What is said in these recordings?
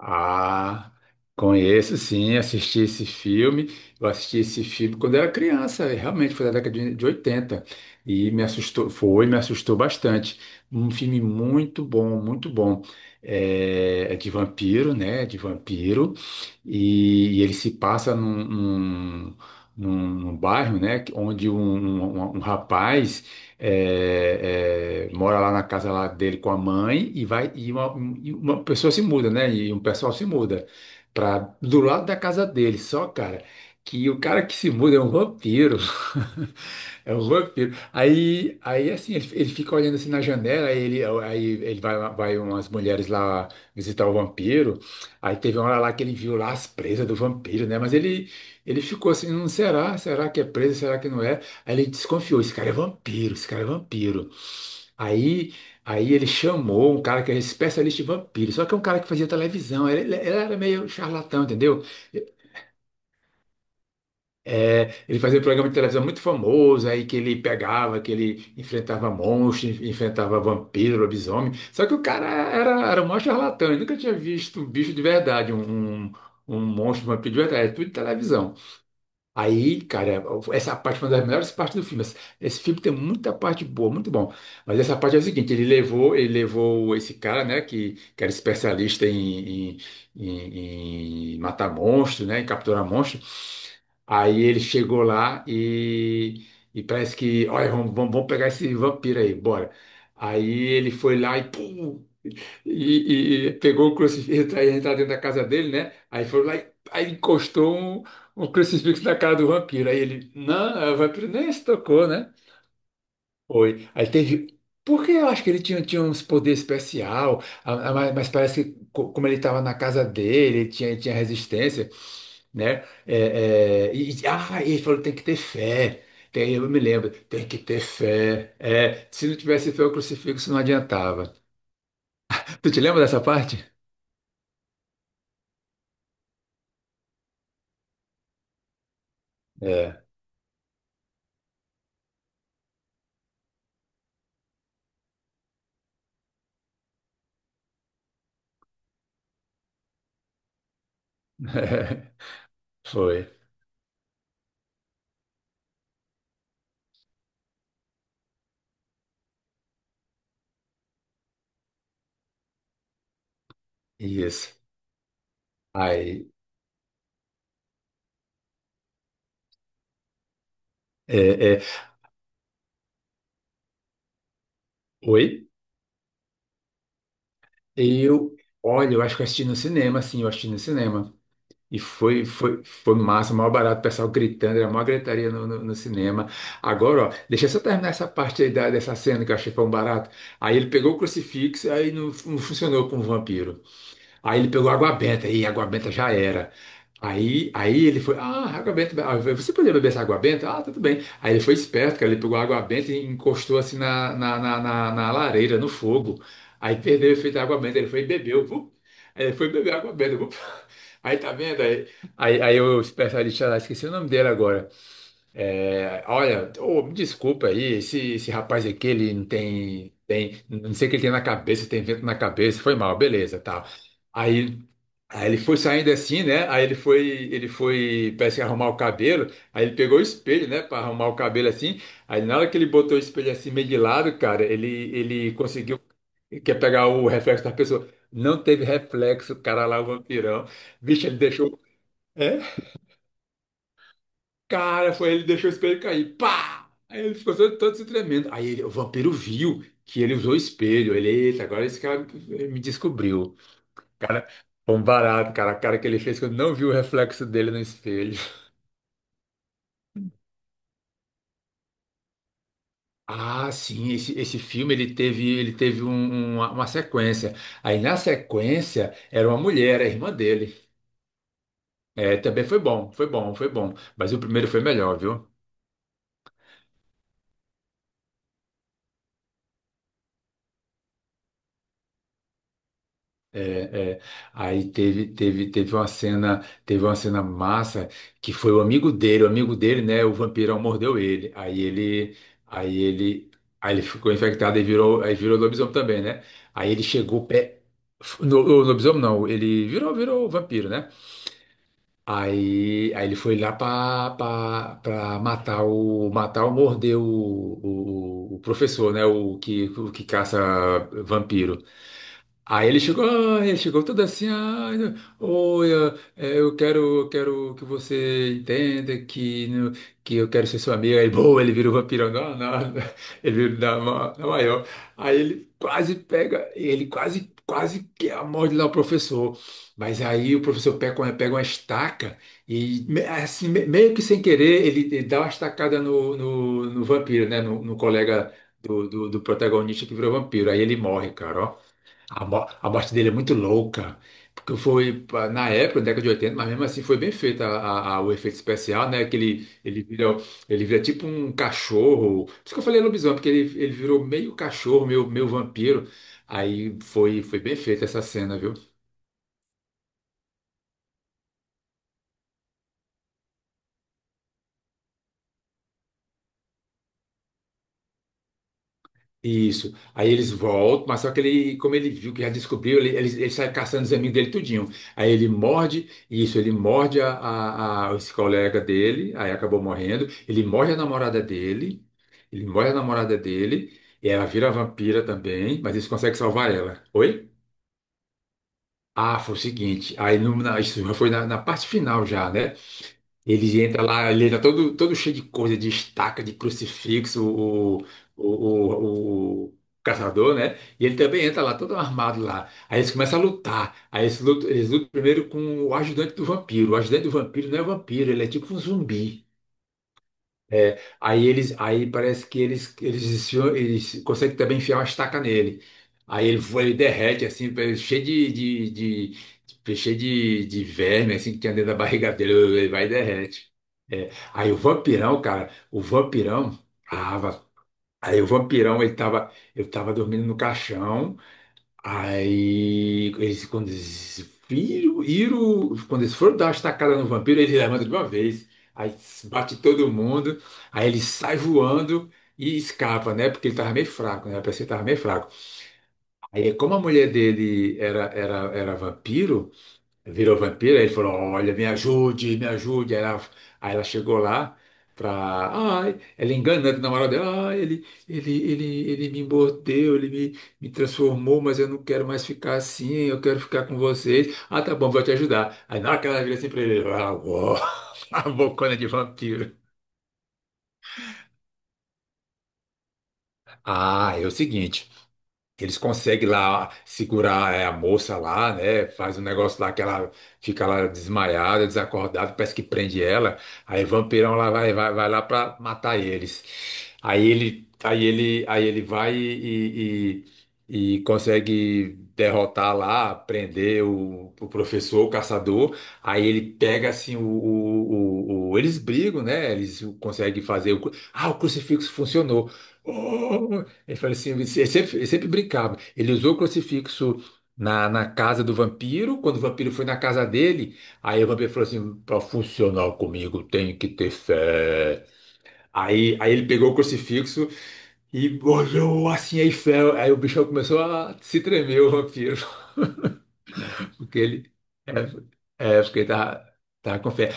Ah, conheço sim, assisti esse filme. Eu assisti esse filme quando era criança, realmente foi da década de 80. E me assustou, foi, me assustou bastante. Um filme muito bom, muito bom. É de vampiro, né? De vampiro. E ele se passa num bairro, né? Onde um rapaz mora lá na casa lá dele com a mãe e vai e e uma pessoa se muda, né? E um pessoal se muda para do lado da casa dele. Só, cara, que o cara que se muda é um vampiro. É um vampiro. Aí assim, ele fica olhando assim na janela, aí ele vai umas mulheres lá visitar o vampiro. Aí teve uma hora lá que ele viu lá as presas do vampiro, né? Mas ele ficou assim, não será? Será que é presa? Será que não é? Aí ele desconfiou, esse cara é vampiro, esse cara é vampiro. Aí, aí ele chamou um cara que era especialista em vampiro, só que é um cara que fazia televisão, ele era meio charlatão, entendeu? Ele fazia um programa de televisão muito famoso, aí que ele pegava, que ele enfrentava monstros, enfrentava vampiro, lobisomem, só que o cara era um maior charlatão, ele nunca tinha visto um bicho de verdade, um monstro, um vampiro de verdade, é tudo de televisão. Aí, cara, essa parte foi uma das melhores partes do filme. Esse filme tem muita parte boa, muito bom. Mas essa parte é o seguinte, ele levou esse cara, né, que era especialista em matar monstros né, em capturar monstros. Aí ele chegou lá e parece que, olha, vamos pegar esse vampiro aí, bora. Aí ele foi lá e pum, e pegou o crucifixo aí entrar dentro da casa dele, né? Aí foi lá e aí encostou um crucifixo na cara do vampiro. Aí ele, não, é, o vampiro nem se tocou, né? Foi. Aí teve. Porque eu acho que ele tinha uns poderes especial, mas parece que co- como ele estava na casa dele, ele tinha resistência, né? Ah, e ele falou, tem que ter fé. Eu me lembro, tem que ter fé. É, se não tivesse fé, o crucifixo não adiantava. Tu te lembra dessa parte? É. É, foi. Isso. Aí, é, é, Oi? Eu, Olha, eu acho que eu assisti no cinema, sim, eu assisti no cinema. E foi massa, maior barato, o pessoal gritando, era a maior gritaria no cinema. Agora, ó, deixa eu só terminar essa parte aí da, dessa cena que eu achei pão barato. Aí ele pegou o crucifixo, aí não funcionou com o vampiro. Aí ele pegou água benta, e água benta já era. Aí ele foi, ah, água benta, ah, eu falei, você podia beber essa água benta? Ah, tudo bem. Aí ele foi esperto, cara, ele pegou a água benta e encostou assim na lareira, no fogo. Aí perdeu o efeito da água benta, ele foi e bebeu, vup. Aí ele foi beber água benta, vup. Aí tá vendo? Aí eu esperto ali, sei lá, esqueci o nome dele agora. É, olha, ô, me desculpa aí, esse rapaz aqui, ele não tem, tem, não sei o que ele tem na cabeça, tem vento na cabeça, foi mal, beleza, tal. Aí, aí ele foi saindo assim, né? Ele foi, parece que arrumar o cabelo, aí ele pegou o espelho, né, para arrumar o cabelo assim. Aí na hora que ele botou o espelho assim meio de lado, cara, ele conseguiu, quer pegar o reflexo da pessoa. Não teve reflexo, cara lá, o vampirão. Bicho, ele deixou. É, cara, foi ele deixou o espelho cair. Pá! Aí ele ficou todo se tremendo. Aí ele- o vampiro viu que ele usou o espelho. Ele, eita, agora esse cara me descobriu. Cara, foi um barato, cara. A cara que ele fez quando não viu o reflexo dele no espelho. Ah, sim, esse filme ele teve uma sequência. Aí na sequência era uma mulher, a irmã dele. É, também foi bom, foi bom, foi bom. Mas o primeiro foi melhor, viu? É, é. Teve uma cena massa que foi o amigo dele, né? O vampirão mordeu ele. Aí ele, aí ele ficou infectado e virou, aí virou lobisomem também, né? Aí ele chegou pé, no, o lobisomem não, ele virou, virou vampiro, né? Aí ele foi lá para matar o matar ou morder o professor, né? O que caça vampiro. Aí ele chegou, ah, ele chegou todo assim, ah, oi, ah, eu quero que você entenda que, né, que eu quero ser seu amigo. Aí, boa, ele virou vampirão, não, não, não. ele virou da maior. Aí ele quase, quase que morde lá o professor. Mas aí o professor pega, pega uma estaca e, meio que sem querer, ele dá uma estacada no vampiro, né, no colega do protagonista que virou vampiro. Aí ele morre, cara, ó. A morte dele é muito louca, porque foi na época, na década de oitenta, mas mesmo assim foi bem feito o efeito especial, né? Que ele vira tipo um cachorro. Por isso que eu falei lobisomem, porque ele virou meio cachorro, meio vampiro. Aí foi bem feita essa cena, viu? Isso. Aí eles voltam, mas só que ele, como ele viu que já descobriu, ele sai caçando os amigos dele tudinho. Aí ele morde, isso, ele morde esse colega dele, aí acabou morrendo. Ele morde a namorada dele, e ela vira vampira também, mas eles conseguem salvar ela. Oi? Ah, foi o seguinte, aí no, na, isso já foi na parte final já, né? Ele entra lá, ele entra todo, todo cheio de coisa, de estaca, de crucifixo, o, o caçador, né? E ele também entra lá, todo armado lá. Aí eles começam a lutar. Eles lutam primeiro com o ajudante do vampiro. O ajudante do vampiro não é vampiro, ele é tipo um zumbi. É, aí parece que eles conseguem também enfiar uma estaca nele. Aí ele, voa, ele derrete assim, cheio de verme assim que tinha dentro da barriga dele, ele vai e derrete. É, tava, aí o vampirão ele tava, eu tava dormindo no caixão. Aí, eles, quando eles foram dar uma estacada no vampiro, ele levanta de uma vez, aí bate todo mundo, aí ele sai voando e escapa, né? Porque ele tava meio fraco, né? Parece que ele tava meio fraco. Aí, como a mulher dele era vampiro, virou vampiro, aí ele falou, olha, me ajude. Aí ela chegou lá pra. Ai, ela engana né, que o namorado dela, ah, ele me mordeu, ele me transformou, mas eu não quero mais ficar assim, eu quero ficar com vocês. Ah, tá bom, vou te ajudar. Aí na hora que ela vira assim pra ele, ele, ah, uou, a bocona de vampiro. Ah, é o seguinte. Que eles conseguem lá segurar é, a moça lá, né? Faz um negócio lá que ela fica lá desmaiada, desacordada, parece que prende ela. Aí o vampirão lá vai lá pra matar eles. Aí ele vai e, e consegue derrotar lá, prender o professor, o caçador. Aí ele pega assim o- eles brigam, né? Eles conseguem fazer ah, o crucifixo funcionou. Oh, ele falou assim, ele sempre brincava. Ele usou o crucifixo na casa do vampiro. Quando o vampiro foi na casa dele, aí o vampiro falou assim: para funcionar comigo, tem que ter fé. Aí ele pegou o crucifixo e olhou assim, aí fé. Aí o bichão começou a se tremer, o vampiro, porque ele, tava, com fé.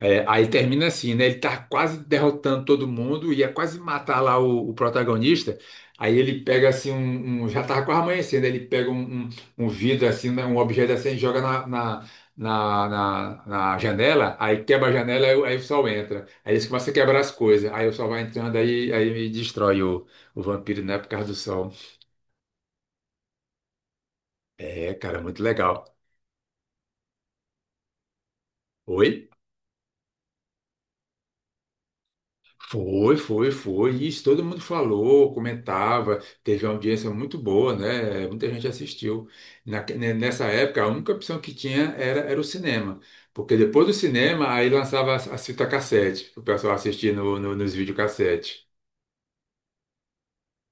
É, aí termina assim, né? Ele tá quase derrotando todo mundo, ia quase matar lá o protagonista. Aí ele pega assim Já tava quase amanhecendo, ele pega um vidro assim, né, um objeto assim, e joga na janela, aí quebra a janela, aí o sol entra. Aí eles começam a quebrar as coisas. Aí o sol vai entrando, aí destrói o vampiro, né? Por causa do sol. É, cara, muito legal. Oi? Foi, foi, foi. Isso todo mundo falou, comentava, teve uma audiência muito boa, né? Muita gente assistiu. Nessa época, a única opção que tinha era o cinema. Porque depois do cinema, aí lançava a fita cassete, o pessoal assistia no, no, nos videocassete.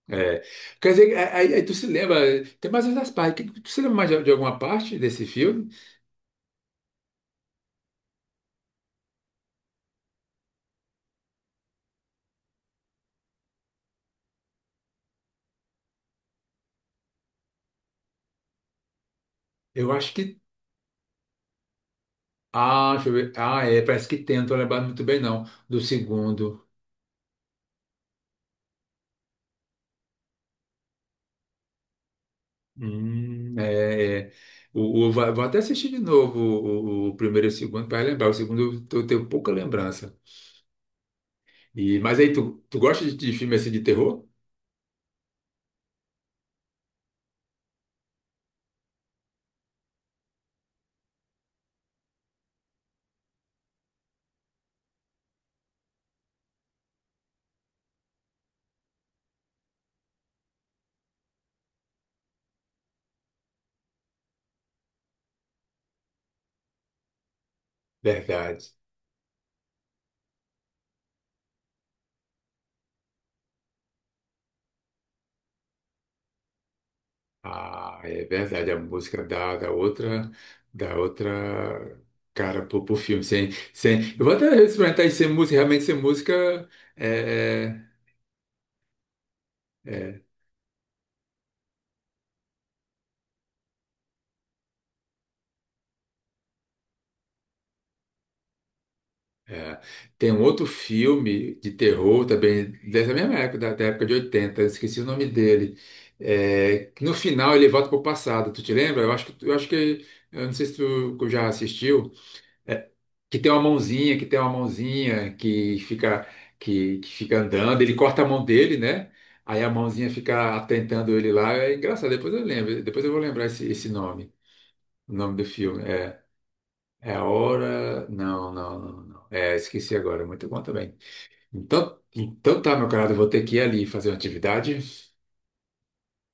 É. Quer dizer, é, aí tu se lembra, tem mais outras partes. Tu se lembra mais de alguma parte desse filme? Eu acho que. Ah, deixa eu ver. Ah, é, parece que tem, não tô lembrado muito bem, não. Do segundo. É, é. Vou até assistir de novo o primeiro e o segundo para lembrar. O segundo eu tenho pouca lembrança. E, mas aí, tu gosta de filme assim de terror? Verdade. Ah, é verdade. A música da outra cara pro filme. Sem, sem, eu vou até experimentar isso sem música, realmente sem música. É, é. É. É. Tem um outro filme de terror também, dessa mesma época, da época de oitenta, eu esqueci o nome dele. É, que no final ele volta pro passado, tu te lembra? Eu não sei se tu já assistiu, que tem uma mãozinha, que fica andando, ele corta a mão dele, né? Aí a mãozinha fica atentando ele lá, é engraçado, depois eu lembro, depois eu vou lembrar esse nome, o nome do filme, é. É a hora. Não, não, não, não. É, esqueci agora. Muito bom também. Então tá, meu camarada, eu vou ter que ir ali fazer uma atividade,